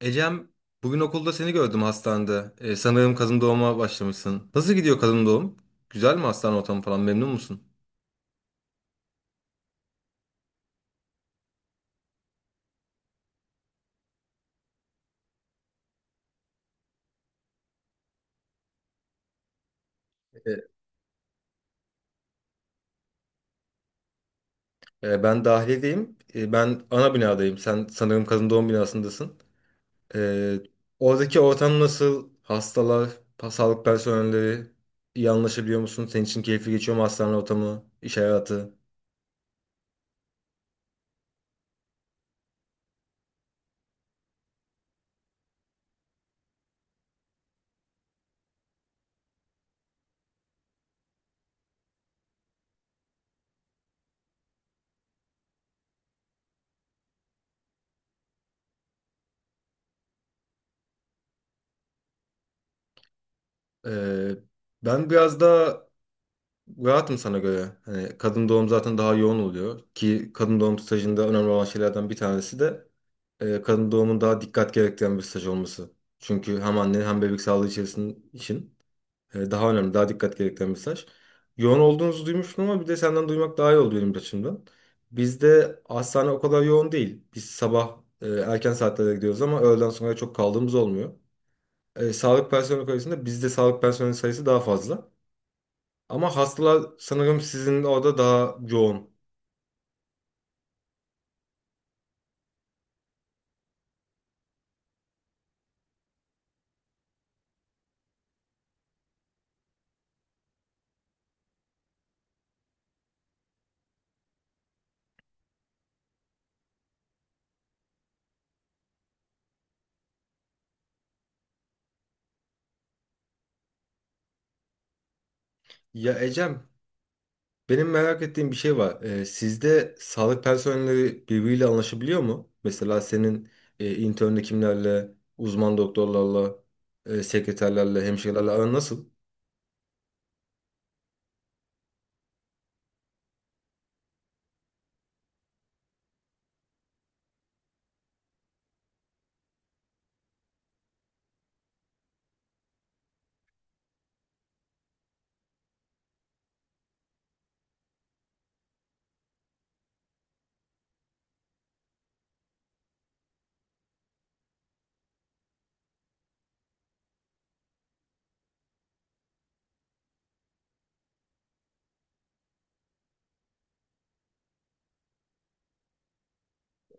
Ecem, bugün okulda seni gördüm hastanede. Sanırım kadın doğuma başlamışsın. Nasıl gidiyor kadın doğum? Güzel mi hastane ortamı falan? Memnun musun? Ee, Ben dahiliyedeyim. Ben ana binadayım. Sen sanırım kadın doğum binasındasın. Ee, Oradaki ortam nasıl? Hastalar, sağlık personelleri iyi anlaşabiliyor musun? Senin için keyifli geçiyor mu hastane ortamı, iş hayatı? Ee, Ben biraz daha rahatım sana göre. Hani kadın doğum zaten daha yoğun oluyor ki kadın doğum stajında önemli olan şeylerden bir tanesi de kadın doğumun daha dikkat gerektiren bir staj olması. Çünkü hem anne hem bebek sağlığı içerisinde için daha önemli, daha dikkat gerektiren bir staj. Yoğun olduğunuzu duymuştum ama bir de senden duymak daha iyi oldu benim açımdan. Bizde hastane o kadar yoğun değil. Biz sabah erken saatlerde gidiyoruz ama öğleden sonra çok kaldığımız olmuyor. Sağlık personeli sayısında bizde sağlık personeli sayısı daha fazla. Ama hastalar sanırım sizin orada daha yoğun. Ya Ecem, benim merak ettiğim bir şey var. Sizde sağlık personelleri birbiriyle anlaşabiliyor mu? Mesela senin intern hekimlerle, uzman doktorlarla, sekreterlerle, hemşirelerle aran nasıl?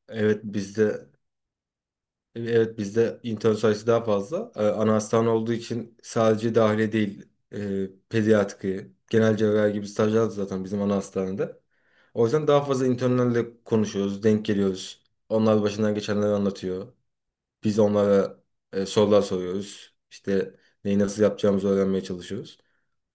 Evet bizde Evet bizde intern sayısı daha fazla. Ana hastane olduğu için sadece dahiliye değil pediatriye, genel cerrahi gibi stajlar da zaten bizim ana hastanede. O yüzden daha fazla internlerle konuşuyoruz, denk geliyoruz. Onlar başından geçenleri anlatıyor. Biz onlara sorular soruyoruz. İşte neyi nasıl yapacağımızı öğrenmeye çalışıyoruz.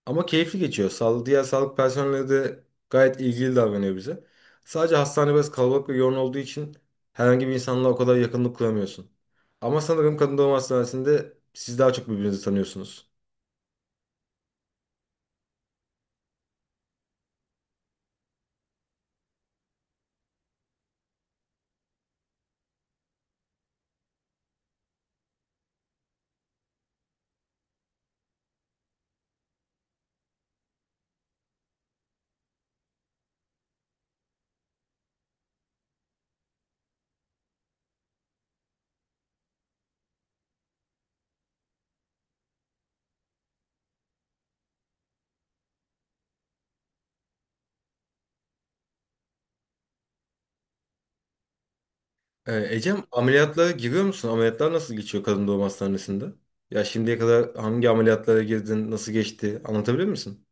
Ama keyifli geçiyor. Diğer sağlık personeli de gayet ilgili davranıyor bize. Sadece hastane biraz kalabalık ve yoğun olduğu için herhangi bir insanla o kadar yakınlık kuramıyorsun. Ama sanırım kadın doğum hastanesinde siz daha çok birbirinizi tanıyorsunuz. Ecem, ameliyatlara giriyor musun? Ameliyatlar nasıl geçiyor kadın doğum hastanesinde? Ya şimdiye kadar hangi ameliyatlara girdin, nasıl geçti? Anlatabilir misin?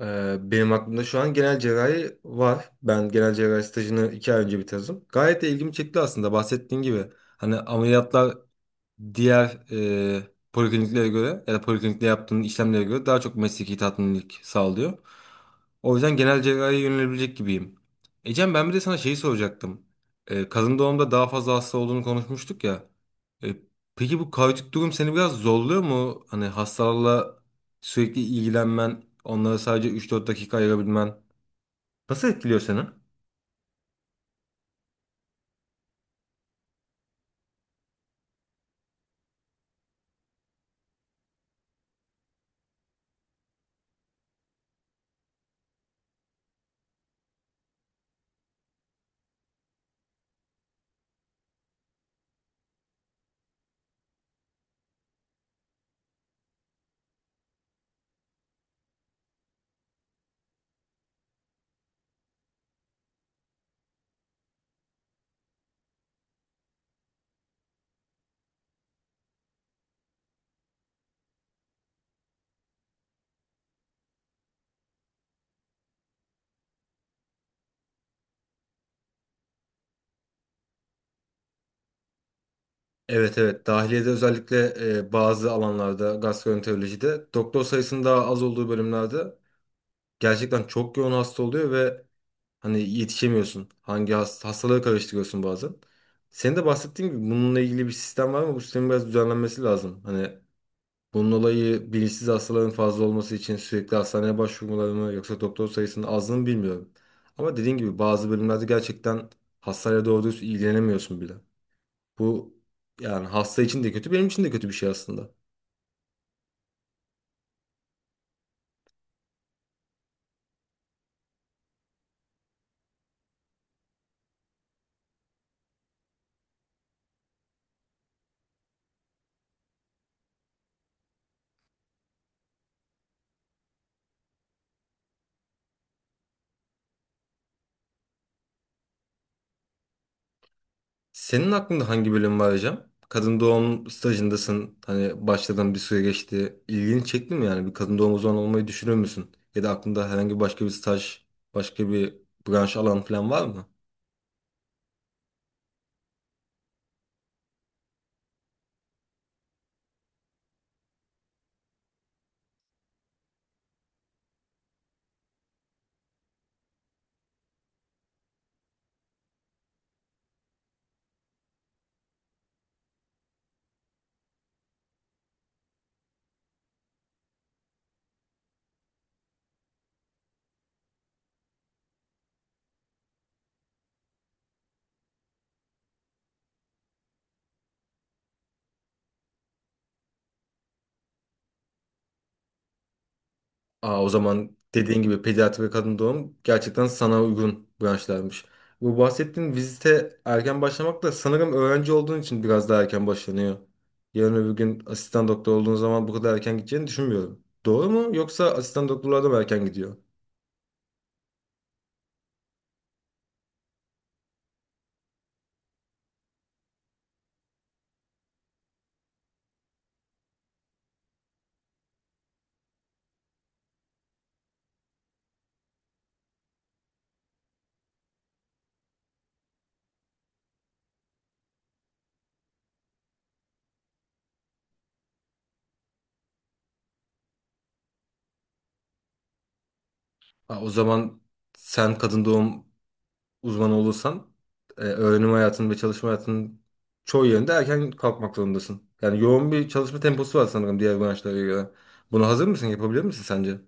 Benim aklımda şu an genel cerrahi var. Ben genel cerrahi stajını iki ay önce bitirdim. Gayet de ilgimi çekti aslında bahsettiğin gibi. Hani ameliyatlar diğer polikliniklere göre ya da poliklinikte yaptığın işlemlere göre daha çok mesleki tatminlik sağlıyor. O yüzden genel cerrahiye yönelebilecek gibiyim. Ecem, ben bir de sana şeyi soracaktım. Kadın doğumda daha fazla hasta olduğunu konuşmuştuk ya. E, peki bu kaotik durum seni biraz zorluyor mu? Hani hastalarla sürekli ilgilenmen, onlara sadece 3-4 dakika ayırabilmen nasıl etkiliyor seni? Evet, evet, dahiliyede özellikle bazı alanlarda, gastroenterolojide doktor sayısının daha az olduğu bölümlerde gerçekten çok yoğun hasta oluyor ve hani yetişemiyorsun. Hangi hastalığı karıştırıyorsun bazen. Senin de bahsettiğin gibi bununla ilgili bir sistem var ama bu sistemin biraz düzenlenmesi lazım. Hani bunun olayı bilinçsiz hastaların fazla olması için sürekli hastaneye başvurmaları mı yoksa doktor sayısının azlığını bilmiyorum. Ama dediğin gibi bazı bölümlerde gerçekten hastayla doğru düz ilgilenemiyorsun bile. Bu, yani hasta için de kötü, benim için de kötü bir şey aslında. Senin aklında hangi bölüm var hocam? Kadın doğum stajındasın. Hani başladığın bir süre geçti. İlgini çekti mi yani? Bir kadın doğum uzmanı olmayı düşünür müsün? Ya da aklında herhangi başka bir staj, başka bir branş, alan falan var mı? Aa, o zaman dediğin gibi pediatri ve kadın doğum gerçekten sana uygun branşlarmış. Bu bahsettiğin vizite erken başlamak da sanırım öğrenci olduğun için biraz daha erken başlanıyor. Yarın öbür gün asistan doktor olduğun zaman bu kadar erken gideceğini düşünmüyorum. Doğru mu? Yoksa asistan doktorlar da mı erken gidiyor? Aa, o zaman sen kadın doğum uzmanı olursan öğrenim hayatın ve çalışma hayatının çoğu yerinde erken kalkmak zorundasın. Yani yoğun bir çalışma temposu var sanırım diğer branşlara göre. Buna hazır mısın? Yapabilir misin sence?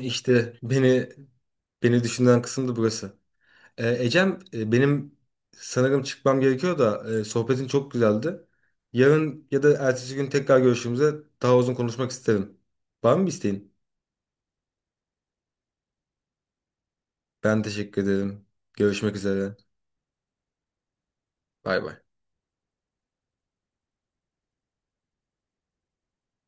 İşte beni düşünen kısım da burası. Ecem, benim sanırım çıkmam gerekiyor da sohbetin çok güzeldi. Yarın ya da ertesi gün tekrar görüşümüzde daha uzun konuşmak isterim. Var mı bir isteğin? Ben teşekkür ederim. Görüşmek üzere. Bay bay.